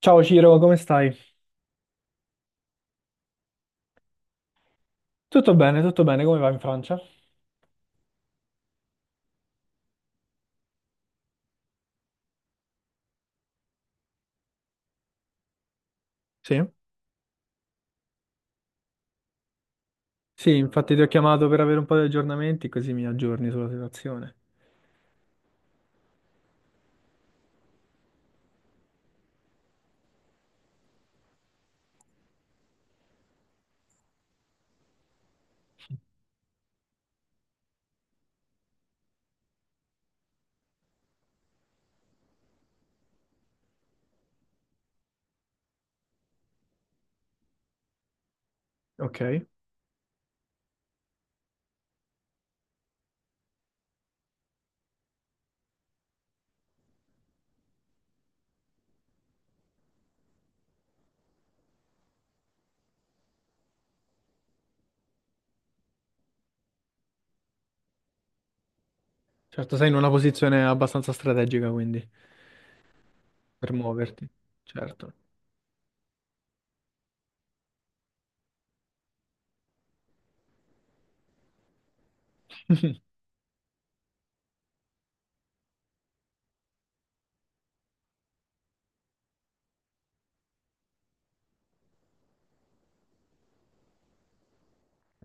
Ciao Ciro, come stai? Tutto bene, come va in Francia? Sì, sì, infatti ti ho chiamato per avere un po' di aggiornamenti, così mi aggiorni sulla situazione. Ok. Certo, sei in una posizione abbastanza strategica, quindi, per muoverti. Certo.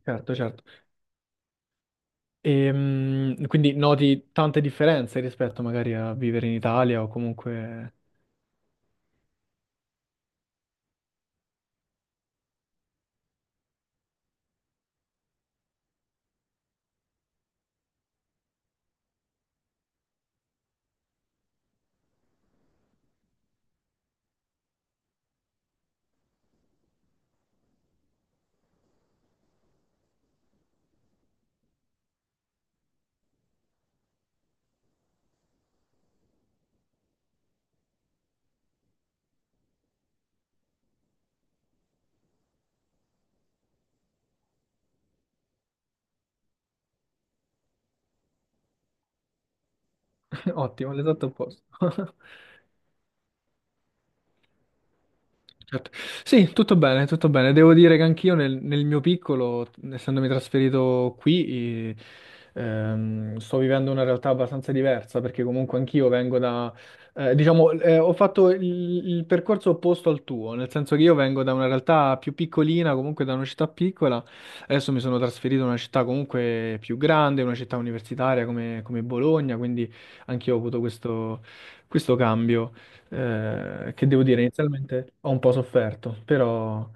Certo, certo. Quindi noti tante differenze rispetto magari a vivere in Italia o comunque... Ottimo, l'esatto opposto. Certo. Sì, tutto bene, tutto bene. Devo dire che anch'io nel mio piccolo, essendomi trasferito qui, eh, sto vivendo una realtà abbastanza diversa perché comunque anch'io vengo da, diciamo, ho fatto il percorso opposto al tuo, nel senso che io vengo da una realtà più piccolina, comunque da una città piccola. Adesso mi sono trasferito in una città comunque più grande, una città universitaria come Bologna, quindi anch'io ho avuto questo cambio, che devo dire, inizialmente ho un po' sofferto, però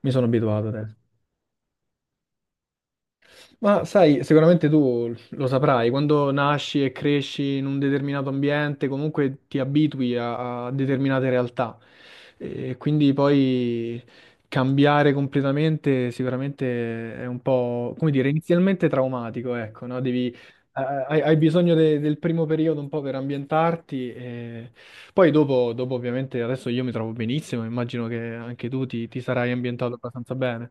mi sono abituato adesso. Ma sai, sicuramente tu lo saprai, quando nasci e cresci in un determinato ambiente, comunque ti abitui a determinate realtà e quindi poi cambiare completamente sicuramente è un po', come dire, inizialmente traumatico, ecco, no? Devi, hai bisogno del primo periodo un po' per ambientarti e poi dopo ovviamente adesso io mi trovo benissimo, immagino che anche tu ti sarai ambientato abbastanza bene.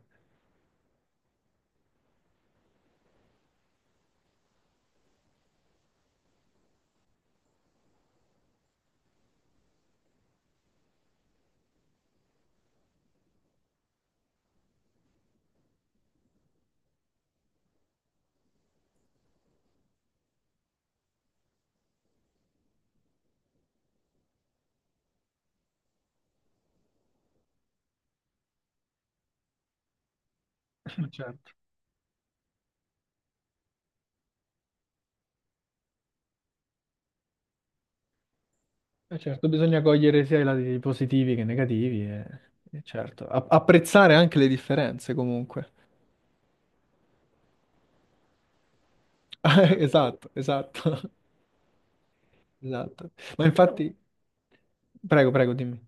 Certo. Certo, bisogna cogliere sia i lati positivi che negativi e certo, apprezzare anche le differenze comunque. Ah, esatto, esatto, esatto. Ma infatti, prego, prego, dimmi.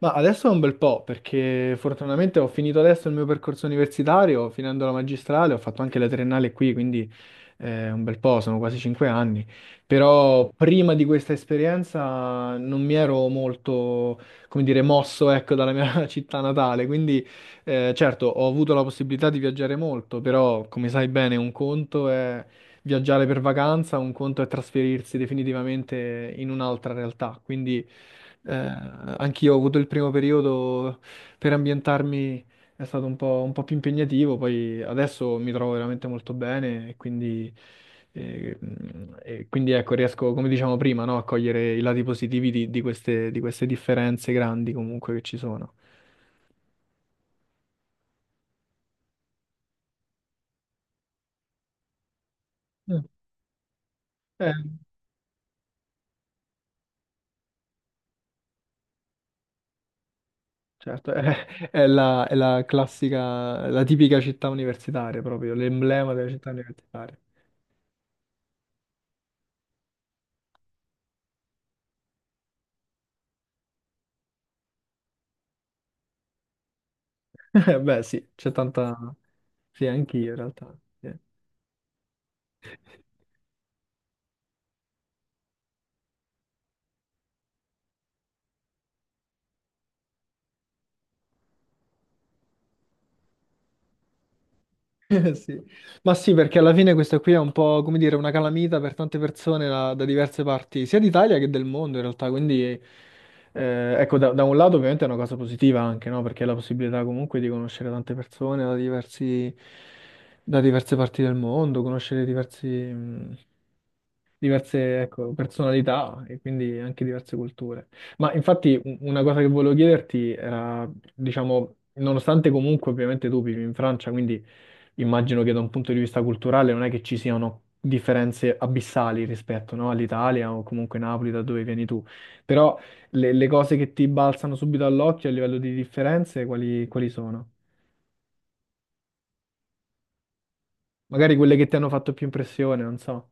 Ma adesso è un bel po', perché fortunatamente ho finito adesso il mio percorso universitario, finendo la magistrale, ho fatto anche la triennale qui, quindi un bel po', sono quasi 5 anni. Però prima di questa esperienza non mi ero molto, come dire, mosso, ecco, dalla mia città natale, quindi certo ho avuto la possibilità di viaggiare molto, però come sai bene un conto è viaggiare per vacanza, un conto è trasferirsi definitivamente in un'altra realtà. Quindi anch'io ho avuto il primo periodo per ambientarmi, è stato un po' più impegnativo, poi adesso mi trovo veramente molto bene e e quindi ecco, riesco, come diciamo prima, no, a cogliere i lati positivi di queste differenze grandi comunque che ci sono. Mm. Eh, certo, è è la classica, la tipica città universitaria proprio, l'emblema della città universitaria. Beh, sì, c'è tanta... Sì, anch'io in realtà. Sì. Sì. Ma sì, perché alla fine questa qui è un po', come dire, una calamita per tante persone da diverse parti, sia d'Italia che del mondo in realtà, quindi ecco, da un lato ovviamente è una cosa positiva anche, no? Perché è la possibilità comunque di conoscere tante persone da diversi, da diverse parti del mondo, conoscere diversi... diverse, ecco, personalità e quindi anche diverse culture. Ma infatti una cosa che volevo chiederti era, diciamo, nonostante comunque ovviamente tu vivi in Francia, quindi immagino che da un punto di vista culturale non è che ci siano differenze abissali rispetto, no, all'Italia o comunque Napoli da dove vieni tu, però le cose che ti balzano subito all'occhio a livello di differenze, quali, quali sono? Magari quelle che ti hanno fatto più impressione, non so.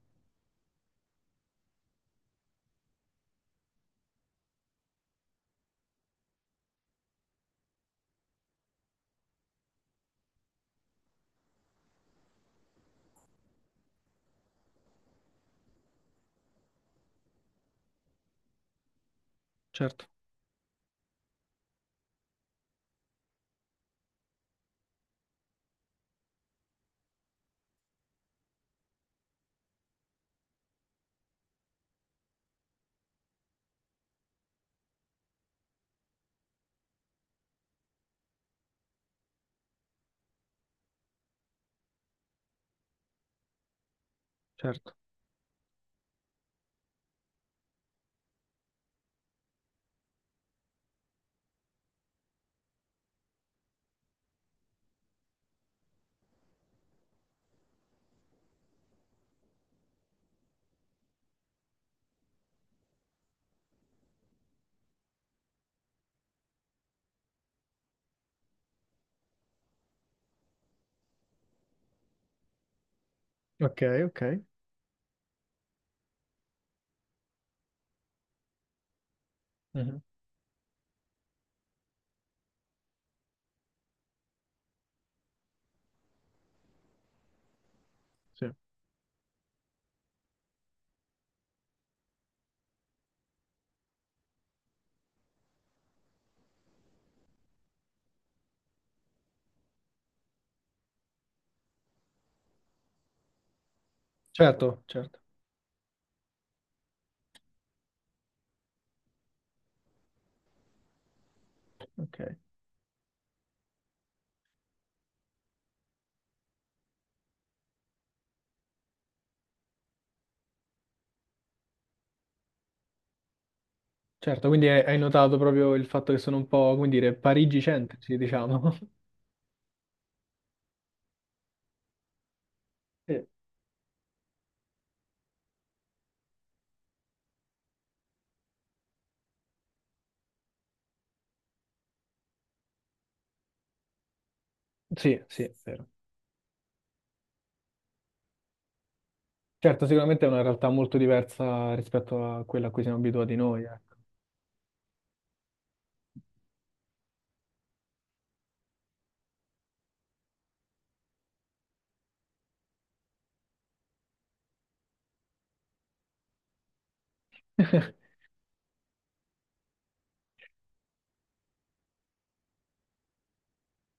Certo, certo. Ok, ok. Mhm, sì. Certo, certo, ok. Certo, quindi hai notato proprio il fatto che sono un po', come dire, parigi-centrici, diciamo. Sì, sì, sì, è vero. Certo, sicuramente è una realtà molto diversa rispetto a quella a cui siamo abituati noi, ecco.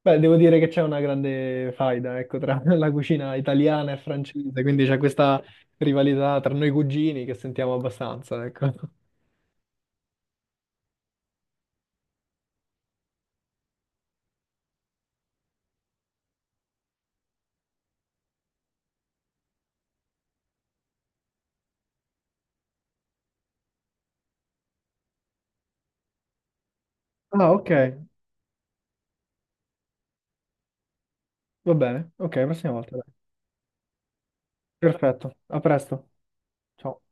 Beh, devo dire che c'è una grande faida, ecco, tra la cucina italiana e francese, quindi c'è questa rivalità tra noi cugini che sentiamo abbastanza, ecco. Ah, ok, va bene. Ok, prossima volta, dai. Perfetto, a presto. Ciao.